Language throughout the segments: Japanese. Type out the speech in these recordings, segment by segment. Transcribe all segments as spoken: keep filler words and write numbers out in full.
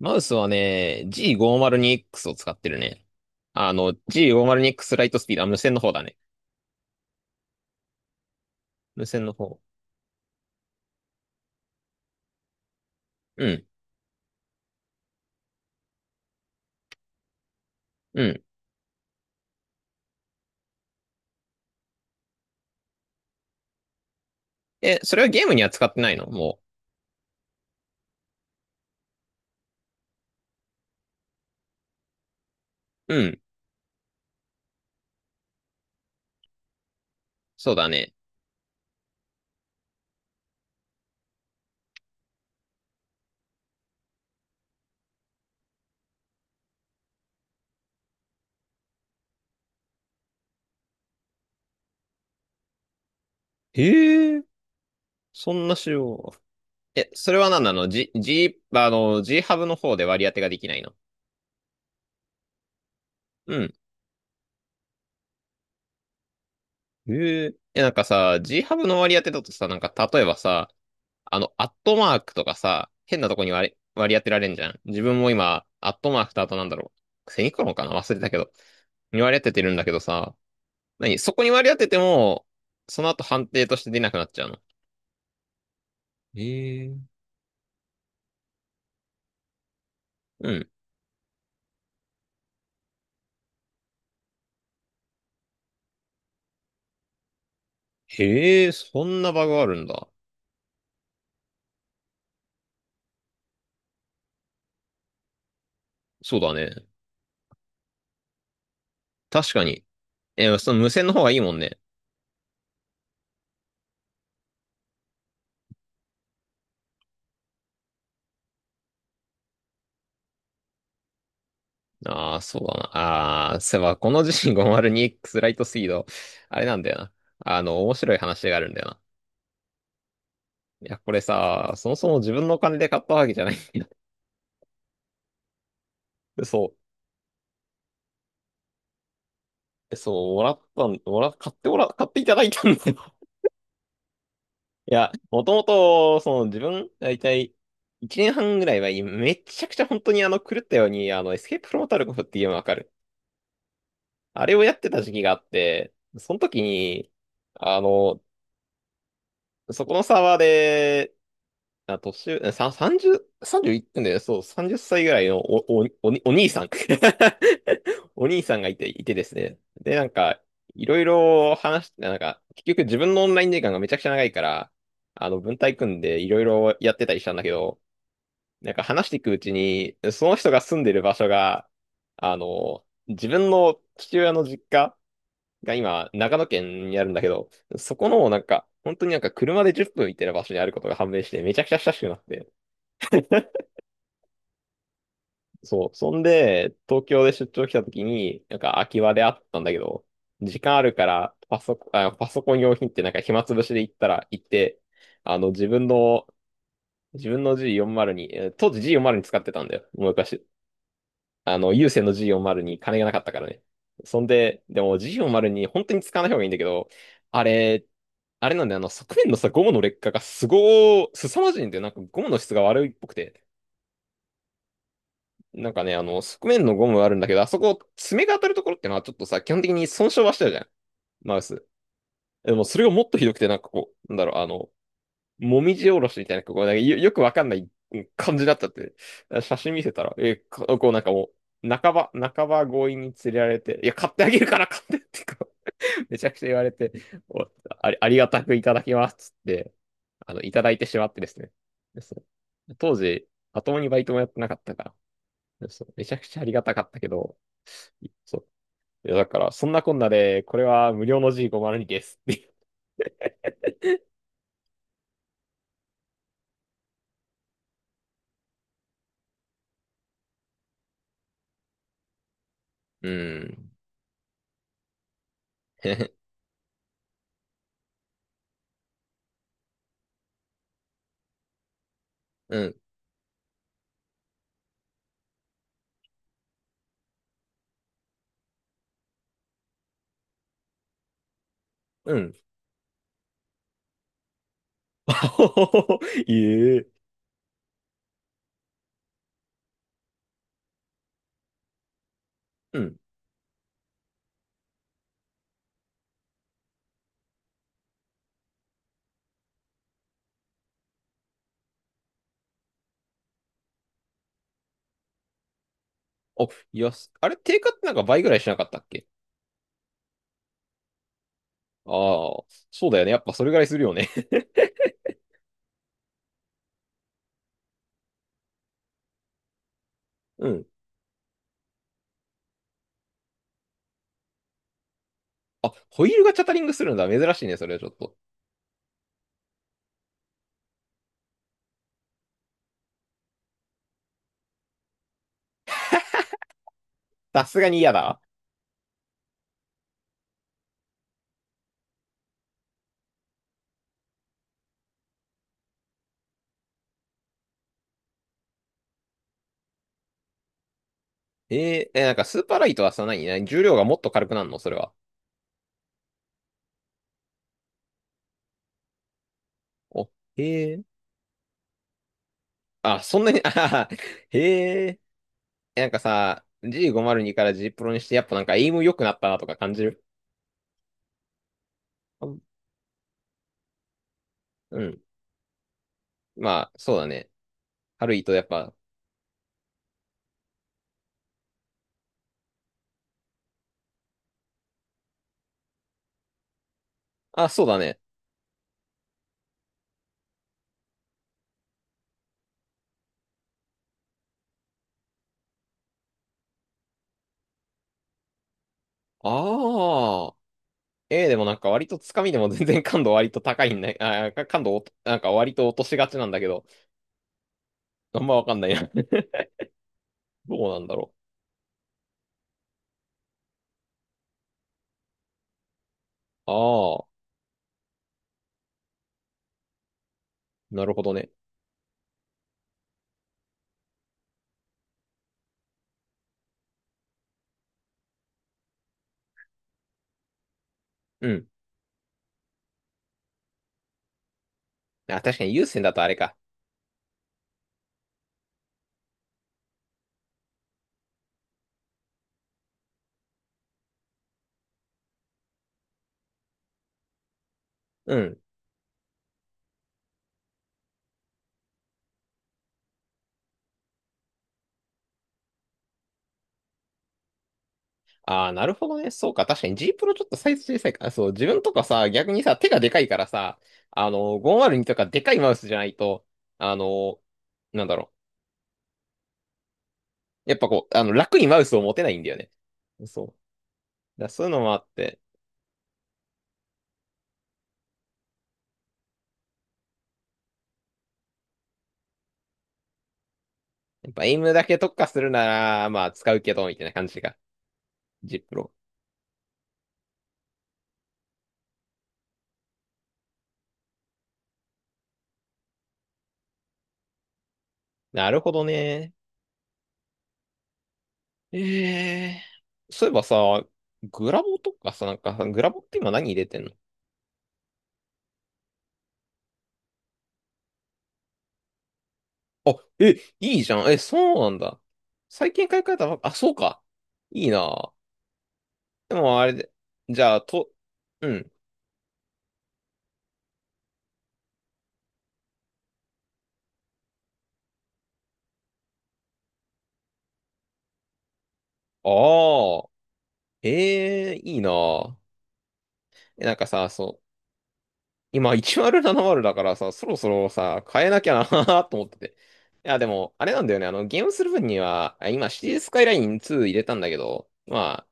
マウスはね、ジーごーまるにエックス を使ってるね。あの、ジーごーまるにエックス ライトスピード、あ、無線の方だね。無線の方。うん、うん。え、それはゲームには使ってないのもう。うん、そうだね。へえ、そんな仕様。え、それは何なの？ G、G、あの、G ハブの方で割り当てができないのうん。へえ。え、なんかさ、G ハブの割り当てだとさ、なんか例えばさ、あの、アットマークとかさ、変なとこに割り、割り当てられんじゃん。自分も今、アットマークとあとなんだろう。セミコロンかな忘れたけど。に割り当ててるんだけどさ、何そこに割り当てても、その後判定として出なくなっちゃうの。へえうん。へえ、そんなバグあるんだ。そうだね。確かに。え、その無線の方がいいもんね。ああ、そうだな。ああ、そういえば、この ジーごーまるにエックス ライトスピード、あれなんだよな。あの、面白い話があるんだよな。いや、これさ、そもそも自分のお金で買ったわけじゃない。そう。そう、もらったん、もら、買ってもら、買っていただいたんだよ。いや、もともと、その自分、だいたいいちねんはんぐらいは、めちゃくちゃ本当にあの、狂ったように、あの、エスケープフロモタルコフっていうのわかる。あれをやってた時期があって、その時に、あの、そこのサーバーで、あ、年上、さ、さんじゅう、さんいってんだよ。そう、さんじゅっさいぐらいのお、お、おお兄さん。お兄さんがいて、いてですね。で、なんか、いろいろ話して、なんか、結局自分のオンライン時間がめちゃくちゃ長いから、あの、文体組んでいろいろやってたりしたんだけど、なんか話していくうちに、その人が住んでる場所が、あの、自分の父親の実家が今、長野県にあるんだけど、そこの、なんか、本当になんか車でじゅっぷん行ってる場所にあることが判明して、めちゃくちゃ親しくなって、そう。そんで、東京で出張来た時に、なんか空き場であったんだけど、時間あるから、パソコン、あ、パソコン用品ってなんか暇つぶしで行ったら、行って、あの、自分の、自分の ジーよんじゅう に、えー当時 ジーよんじゅう に使ってたんだよ。もう昔。あの、有線の ジーよんじゅう に金がなかったからね。そんで、でも ジーよんじゅう に本当に使わない方がいいんだけど、あれ、あれなんだよ、あの、側面のさ、ゴムの劣化がすごー、すさまじいんだよ。なんかゴムの質が悪いっぽくて。なんかね、あの、側面のゴムはあるんだけど、あそこ、爪が当たるところってのはちょっとさ、基本的に損傷はしてるじゃん、マウス。でも、それがもっとひどくて、なんかこう、なんだろう、あの、もみじおろしみたいな、こう、なんかよよくわかんない感じになっちゃって、写真見せたら、え、かこうなんかもう、半ば、半ば強引に連れられて、いや、買ってあげるから買ってってこう、めちゃくちゃ言われて、おあり、ありがたくいただきますっつって、あの、いただいてしまってですね。ですね当時、まともにバイトもやってなかったから、そう、めちゃくちゃありがたかったけど、そう。いや、だから、そんなこんなで、これは無料の ジーごーまるに です。うん。うん。うん。いえ。うん。お、いや、すあれ、定価ってなんか倍ぐらいしなかったっけ。ああー、そうだよね。やっぱそれぐらいするよね。うん。あ、ホイールがチャタリングするんだ。珍しいね、それはちょっと。さすがに嫌だ。えー、え、なんかスーパーライトはさ、何、何重量がもっと軽くなるのそれは。お、へえ。あ、そんなに、あははへえ。なんかさ、ジーごーまるに から G プロにして、やっぱなんかエイム良くなったなとか感じるうん。うんまあ、そうだね。ハルイとやっぱ、あ、そうだね。ああ。A でもなんか割とつかみでも 全然感度割と高いんだ、あー、感度おとなんか割と落としがちなんだけど、あんまわかんないな。どうなんだろう。ああ、なるほどね。うん。あ、確かに優先だとあれか。うん。ああ、なるほどね。そうか。確かに G プロちょっとサイズ小さいから。そう、自分とかさ、逆にさ、手がでかいからさ、あの、ごー まるににとかでかいマウスじゃないと、あの、なんだろう。やっぱこう、あの、楽にマウスを持てないんだよね。そう。だからそういうのもあって、やっぱエイムだけ特化するなら、まあ、使うけど、みたいな感じが。G プロ。なるほどね。ええそういえばさ、グラボとかさ、なんかさ、グラボって今何入れてんのあ、え、いいじゃん。え、そうなんだ。最近買い替えたばっか、あ、そうか。いいな。でもあれで、じゃあ、と、うん。ああ、ええいいな。え、なんかさ、そう、今いちまるななまるだからさ、そろそろさ、変えなきゃな と思ってて。いや、でも、あれなんだよね。あの、ゲームする分には、あ今、シティスカイラインツー入れたんだけど、ま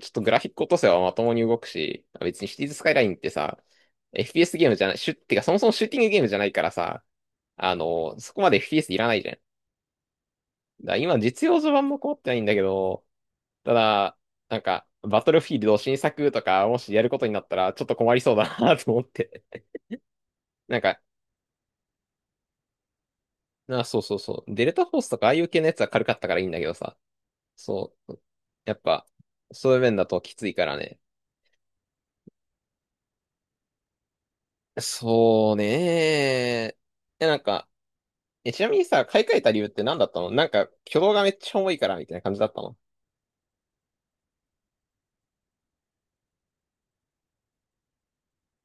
ちょっとグラフィック落とせばまともに動くし、別にシティーズスカイラインってさ、エフピーエス ゲームじゃない、シュってかそもそもシューティングゲームじゃないからさ、あの、そこまで エフピーエス いらないじゃん。だから今実用序盤も困ってないんだけど、ただ、なんか、バトルフィールド新作とか、もしやることになったら、ちょっと困りそうだな と思って。なんか、な、そうそうそう。デルタフォースとかああいう系のやつは軽かったからいいんだけどさ、そう。やっぱ、そういう面だときついからね。そうねえ、えなんか、え、ちなみにさ、買い替えた理由って何だったのなんか、挙動がめっちゃ重いから、みたいな感じだったの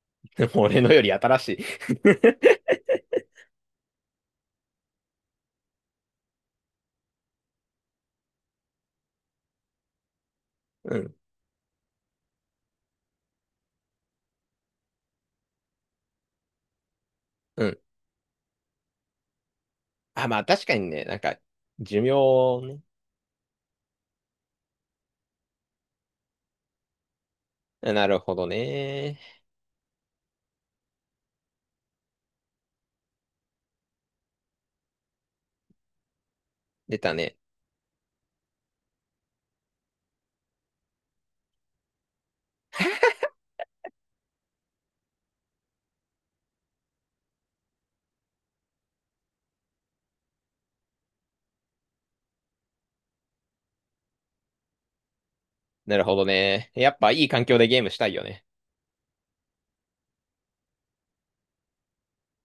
もう俺のより新しい うん、うん。あ、まあ確かにね、なんか、寿命ね。なるほどね。出たね。なるほどね。やっぱいい環境でゲームしたいよね。